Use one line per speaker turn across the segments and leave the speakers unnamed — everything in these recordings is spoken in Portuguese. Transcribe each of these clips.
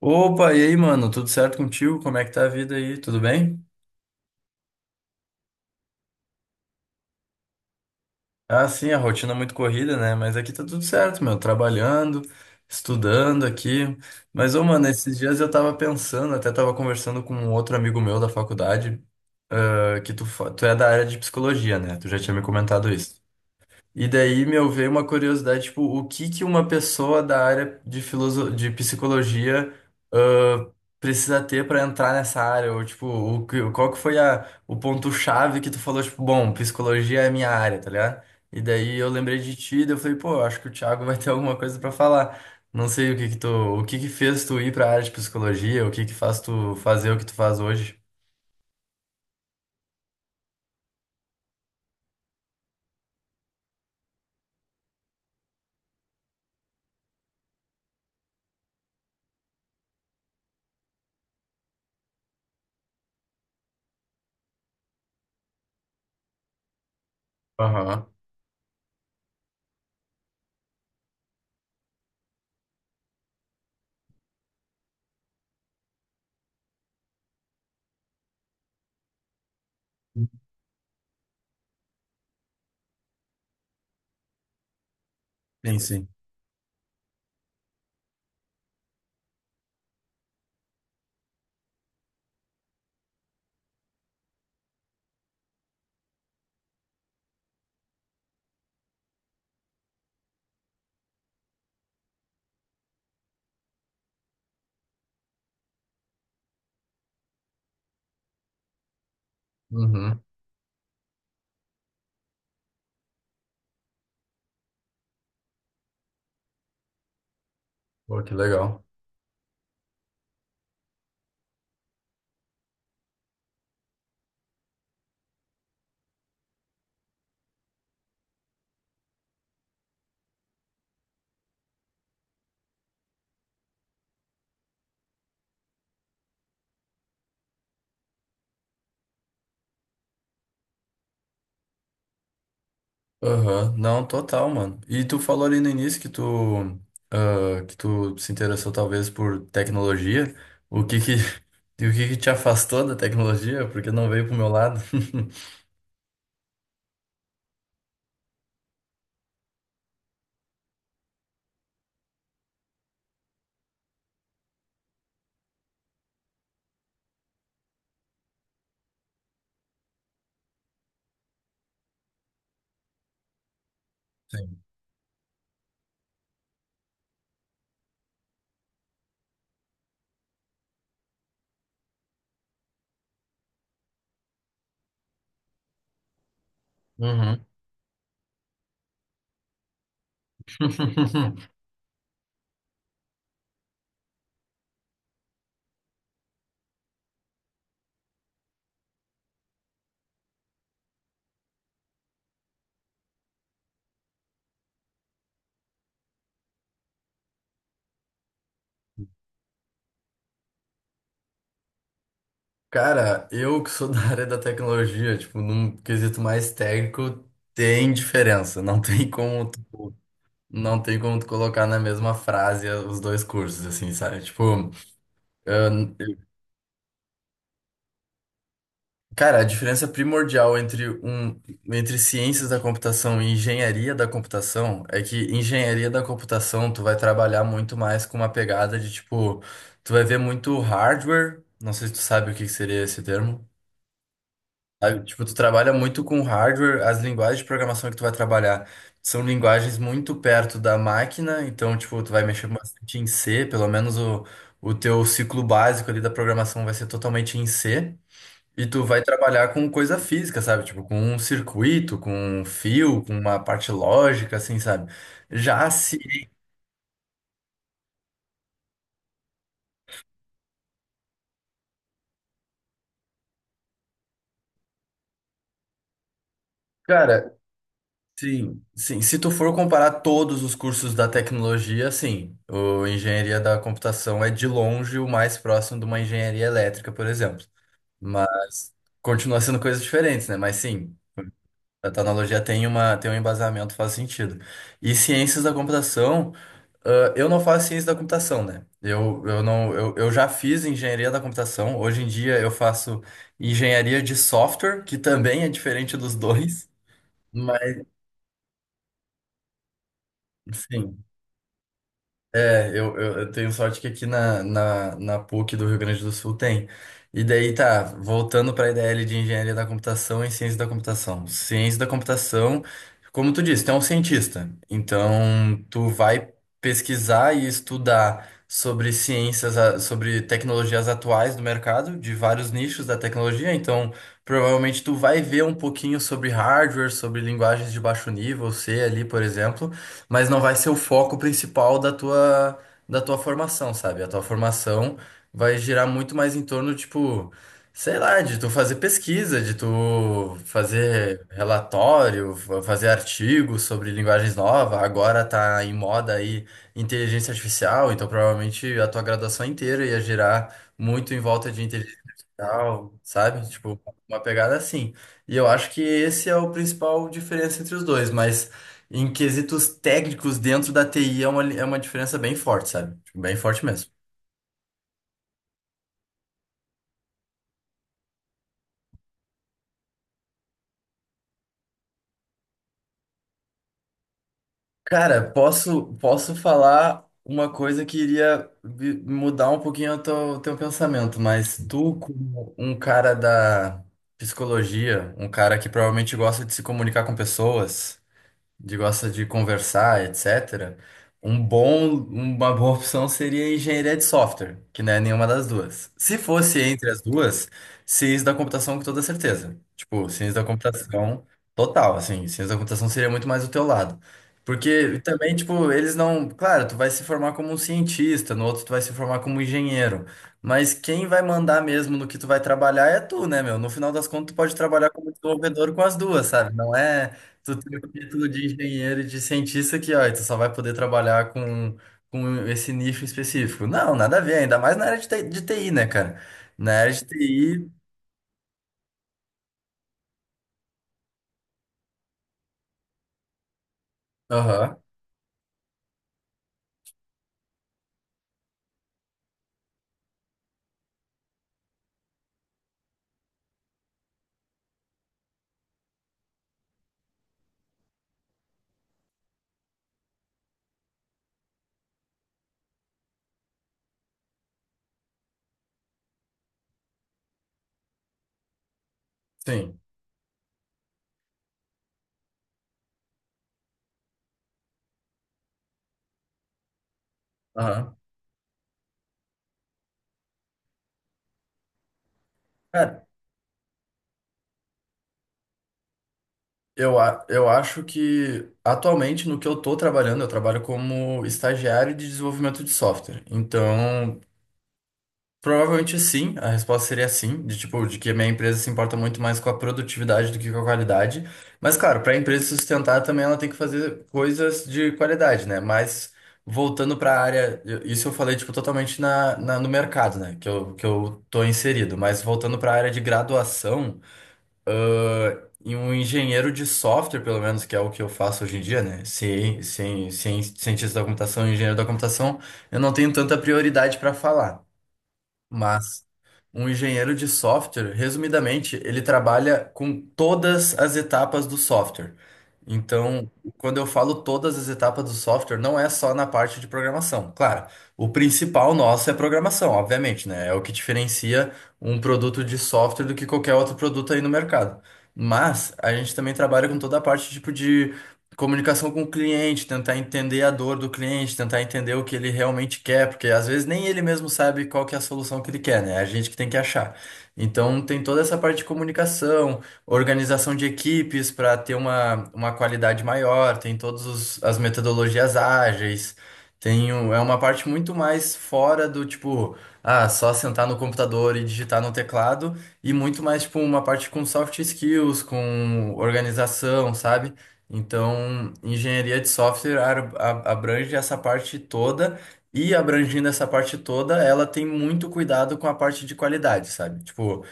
Opa, e aí, mano? Tudo certo contigo? Como é que tá a vida aí? Tudo bem? Ah, sim, a rotina é muito corrida, né? Mas aqui tá tudo certo, meu. Trabalhando, estudando aqui. Mas, ô, mano, esses dias eu tava pensando, até tava conversando com um outro amigo meu da faculdade, ah, que tu é da área de psicologia, né? Tu já tinha me comentado isso. E daí, meu, veio uma curiosidade, tipo, o que que uma pessoa da área de psicologia, ãh, precisa ter para entrar nessa área? Ou, tipo, qual que foi o ponto-chave que tu falou, tipo, bom, psicologia é a minha área, tá ligado? E daí eu lembrei de ti, daí eu falei, pô, acho que o Thiago vai ter alguma coisa para falar. Não sei o que que tu... o que que fez tu ir pra área de psicologia, o que que faz tu fazer o que tu faz hoje. Aham. Sim, sim. Uhum. Pô, que legal. Aham. Não, total, mano. E tu falou ali no início que tu, ah, que tu se interessou talvez por tecnologia. O que que, e o que que te afastou da tecnologia? Porque não veio pro meu lado. Sim. Uhum. Cara, eu que sou da área da tecnologia, tipo, num quesito mais técnico, tem diferença. Não tem como, não tem como tu colocar na mesma frase os dois cursos, assim, sabe? Tipo, ah, cara, a diferença primordial entre, entre ciências da computação e engenharia da computação é que engenharia da computação tu vai trabalhar muito mais com uma pegada de tipo, tu vai ver muito hardware, não sei se tu sabe o que que seria esse termo. Sabe? Tipo, tu trabalha muito com hardware, as linguagens de programação que tu vai trabalhar são linguagens muito perto da máquina, então tipo, tu vai mexer bastante em C, pelo menos o teu ciclo básico ali da programação vai ser totalmente em C. E tu vai trabalhar com coisa física, sabe? Tipo, com um circuito, com um fio, com uma parte lógica, assim, sabe? Já se. Cara, sim, sim. Se tu for comparar todos os cursos da tecnologia, sim. O engenharia da computação é de longe o mais próximo de uma engenharia elétrica, por exemplo. Mas continua sendo coisas diferentes, né? Mas sim, a tecnologia tem tem um embasamento, faz sentido. E ciências da computação. Ah, eu não faço ciência da computação, né? Eu não, eu já fiz engenharia da computação. Hoje em dia eu faço engenharia de software, que também é diferente dos dois. Mas, sim. É, eu tenho sorte que aqui na PUC do Rio Grande do Sul tem. E daí tá, voltando para a IDL de Engenharia da Computação e Ciência da Computação. Ciência da Computação, como tu disse, tu é um cientista. Então, tu vai pesquisar e estudar sobre ciências, sobre tecnologias atuais do mercado, de vários nichos da tecnologia. Então, provavelmente tu vai ver um pouquinho sobre hardware, sobre linguagens de baixo nível, C ali, por exemplo, mas não vai ser o foco principal da da tua formação, sabe? A tua formação vai girar muito mais em torno, tipo, sei lá, de tu fazer pesquisa, de tu fazer relatório, fazer artigos sobre linguagens novas. Agora tá em moda aí inteligência artificial, então provavelmente a tua graduação inteira ia girar muito em volta de inteligência artificial, sabe? Tipo, uma pegada assim. E eu acho que esse é o principal diferença entre os dois, mas em quesitos técnicos dentro da TI é é uma diferença bem forte, sabe? Tipo, bem forte mesmo. Cara, posso, posso falar uma coisa que iria mudar um pouquinho o teu pensamento, mas tu, como um cara da psicologia, um cara que provavelmente gosta de se comunicar com pessoas, de gosta de conversar, etc. Um bom, uma boa opção seria engenharia de software, que não é nenhuma das duas. Se fosse entre as duas, ciência da computação com toda certeza. Tipo, ciência da computação total, assim, ciência da computação seria muito mais do teu lado. Porque também, tipo, eles não. Claro, tu vai se formar como um cientista, no outro tu vai se formar como engenheiro. Mas quem vai mandar mesmo no que tu vai trabalhar é tu, né, meu? No final das contas, tu pode trabalhar como desenvolvedor com as duas, sabe? Não é. Tu tem o título de engenheiro e de cientista que, ó, e tu só vai poder trabalhar com esse nicho específico. Não, nada a ver, ainda mais na área de TI, de TI, né, cara? Na área de TI, aham, sim, aham. Cara, eu acho que atualmente no que eu tô trabalhando, eu trabalho como estagiário de desenvolvimento de software. Então, provavelmente sim, a resposta seria sim, de tipo, de que a minha empresa se importa muito mais com a produtividade do que com a qualidade. Mas claro, para a empresa se sustentar também ela tem que fazer coisas de qualidade, né? Mas voltando para a área, isso eu falei tipo totalmente no mercado, né, que eu tô inserido, mas voltando para a área de graduação, e um engenheiro de software, pelo menos, que é o que eu faço hoje em dia, né? Cientista da computação, engenheiro da computação, eu não tenho tanta prioridade para falar. Mas um engenheiro de software, resumidamente, ele trabalha com todas as etapas do software. Então, quando eu falo todas as etapas do software, não é só na parte de programação. Claro, o principal nosso é a programação, obviamente, né? É o que diferencia um produto de software do que qualquer outro produto aí no mercado. Mas a gente também trabalha com toda a parte tipo de comunicação com o cliente, tentar entender a dor do cliente, tentar entender o que ele realmente quer, porque às vezes nem ele mesmo sabe qual que é a solução que ele quer, né? É a gente que tem que achar. Então tem toda essa parte de comunicação, organização de equipes para ter uma qualidade maior, tem todas as metodologias ágeis, tem, é uma parte muito mais fora do tipo, ah, só sentar no computador e digitar no teclado, e muito mais tipo uma parte com soft skills, com organização, sabe? Então, engenharia de software abrange essa parte toda e abrangindo essa parte toda, ela tem muito cuidado com a parte de qualidade, sabe? Tipo,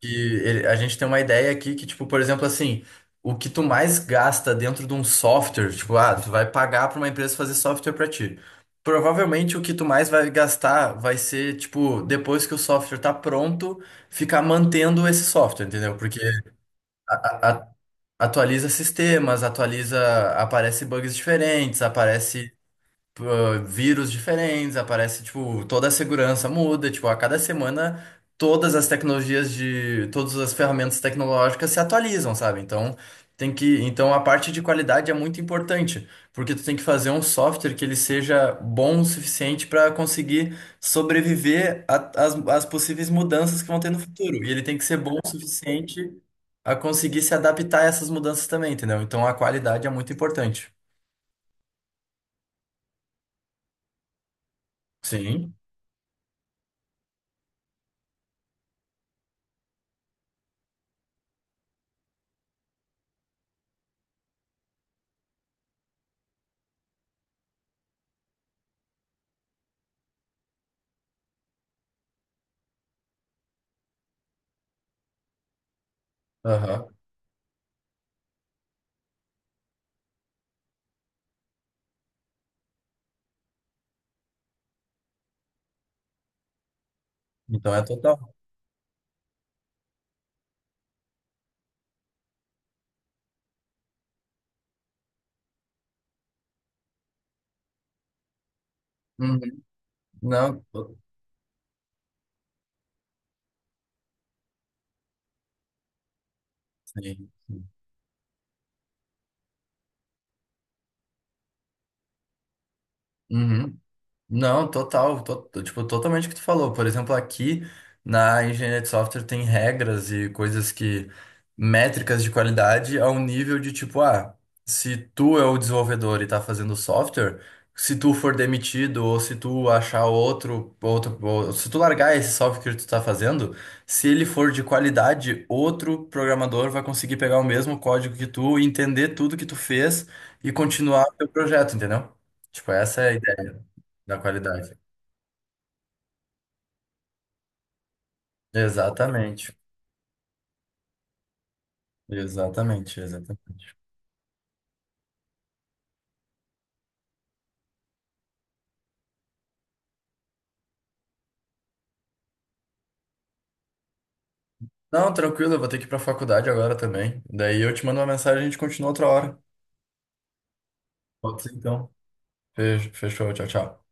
que a gente tem uma ideia aqui que, tipo, por exemplo, assim, o que tu mais gasta dentro de um software, tipo, ah, tu vai pagar para uma empresa fazer software para ti. Provavelmente o que tu mais vai gastar vai ser, tipo, depois que o software tá pronto, ficar mantendo esse software, entendeu? Porque a atualiza sistemas, atualiza, aparece bugs diferentes, aparece ah, vírus diferentes, aparece, tipo, toda a segurança muda, tipo, a cada semana todas as tecnologias de, todas as ferramentas tecnológicas se atualizam, sabe? Então, tem que, então a parte de qualidade é muito importante, porque tu tem que fazer um software que ele seja bom o suficiente para conseguir sobreviver às possíveis mudanças que vão ter no futuro. E ele tem que ser bom o suficiente a conseguir se adaptar a essas mudanças também, entendeu? Então a qualidade é muito importante. Sim. Aham. Então é total. Uhum. Não, tô- sim. Uhum. Não, tipo, totalmente o que tu falou. Por exemplo, aqui na engenharia de software tem regras e coisas que, métricas de qualidade ao nível de tipo, ah, se tu é o desenvolvedor e tá fazendo software, se tu for demitido ou se tu achar outro, ou se tu largar esse software que tu tá fazendo, se ele for de qualidade, outro programador vai conseguir pegar o mesmo código que tu, entender tudo que tu fez e continuar o teu projeto, entendeu? Tipo, essa é a ideia. Da qualidade. Exatamente. Exatamente, exatamente. Não, tranquilo, eu vou ter que ir pra faculdade agora também. Daí eu te mando uma mensagem e a gente continua outra hora. Pode ser então. Fechou, tchau, tchau.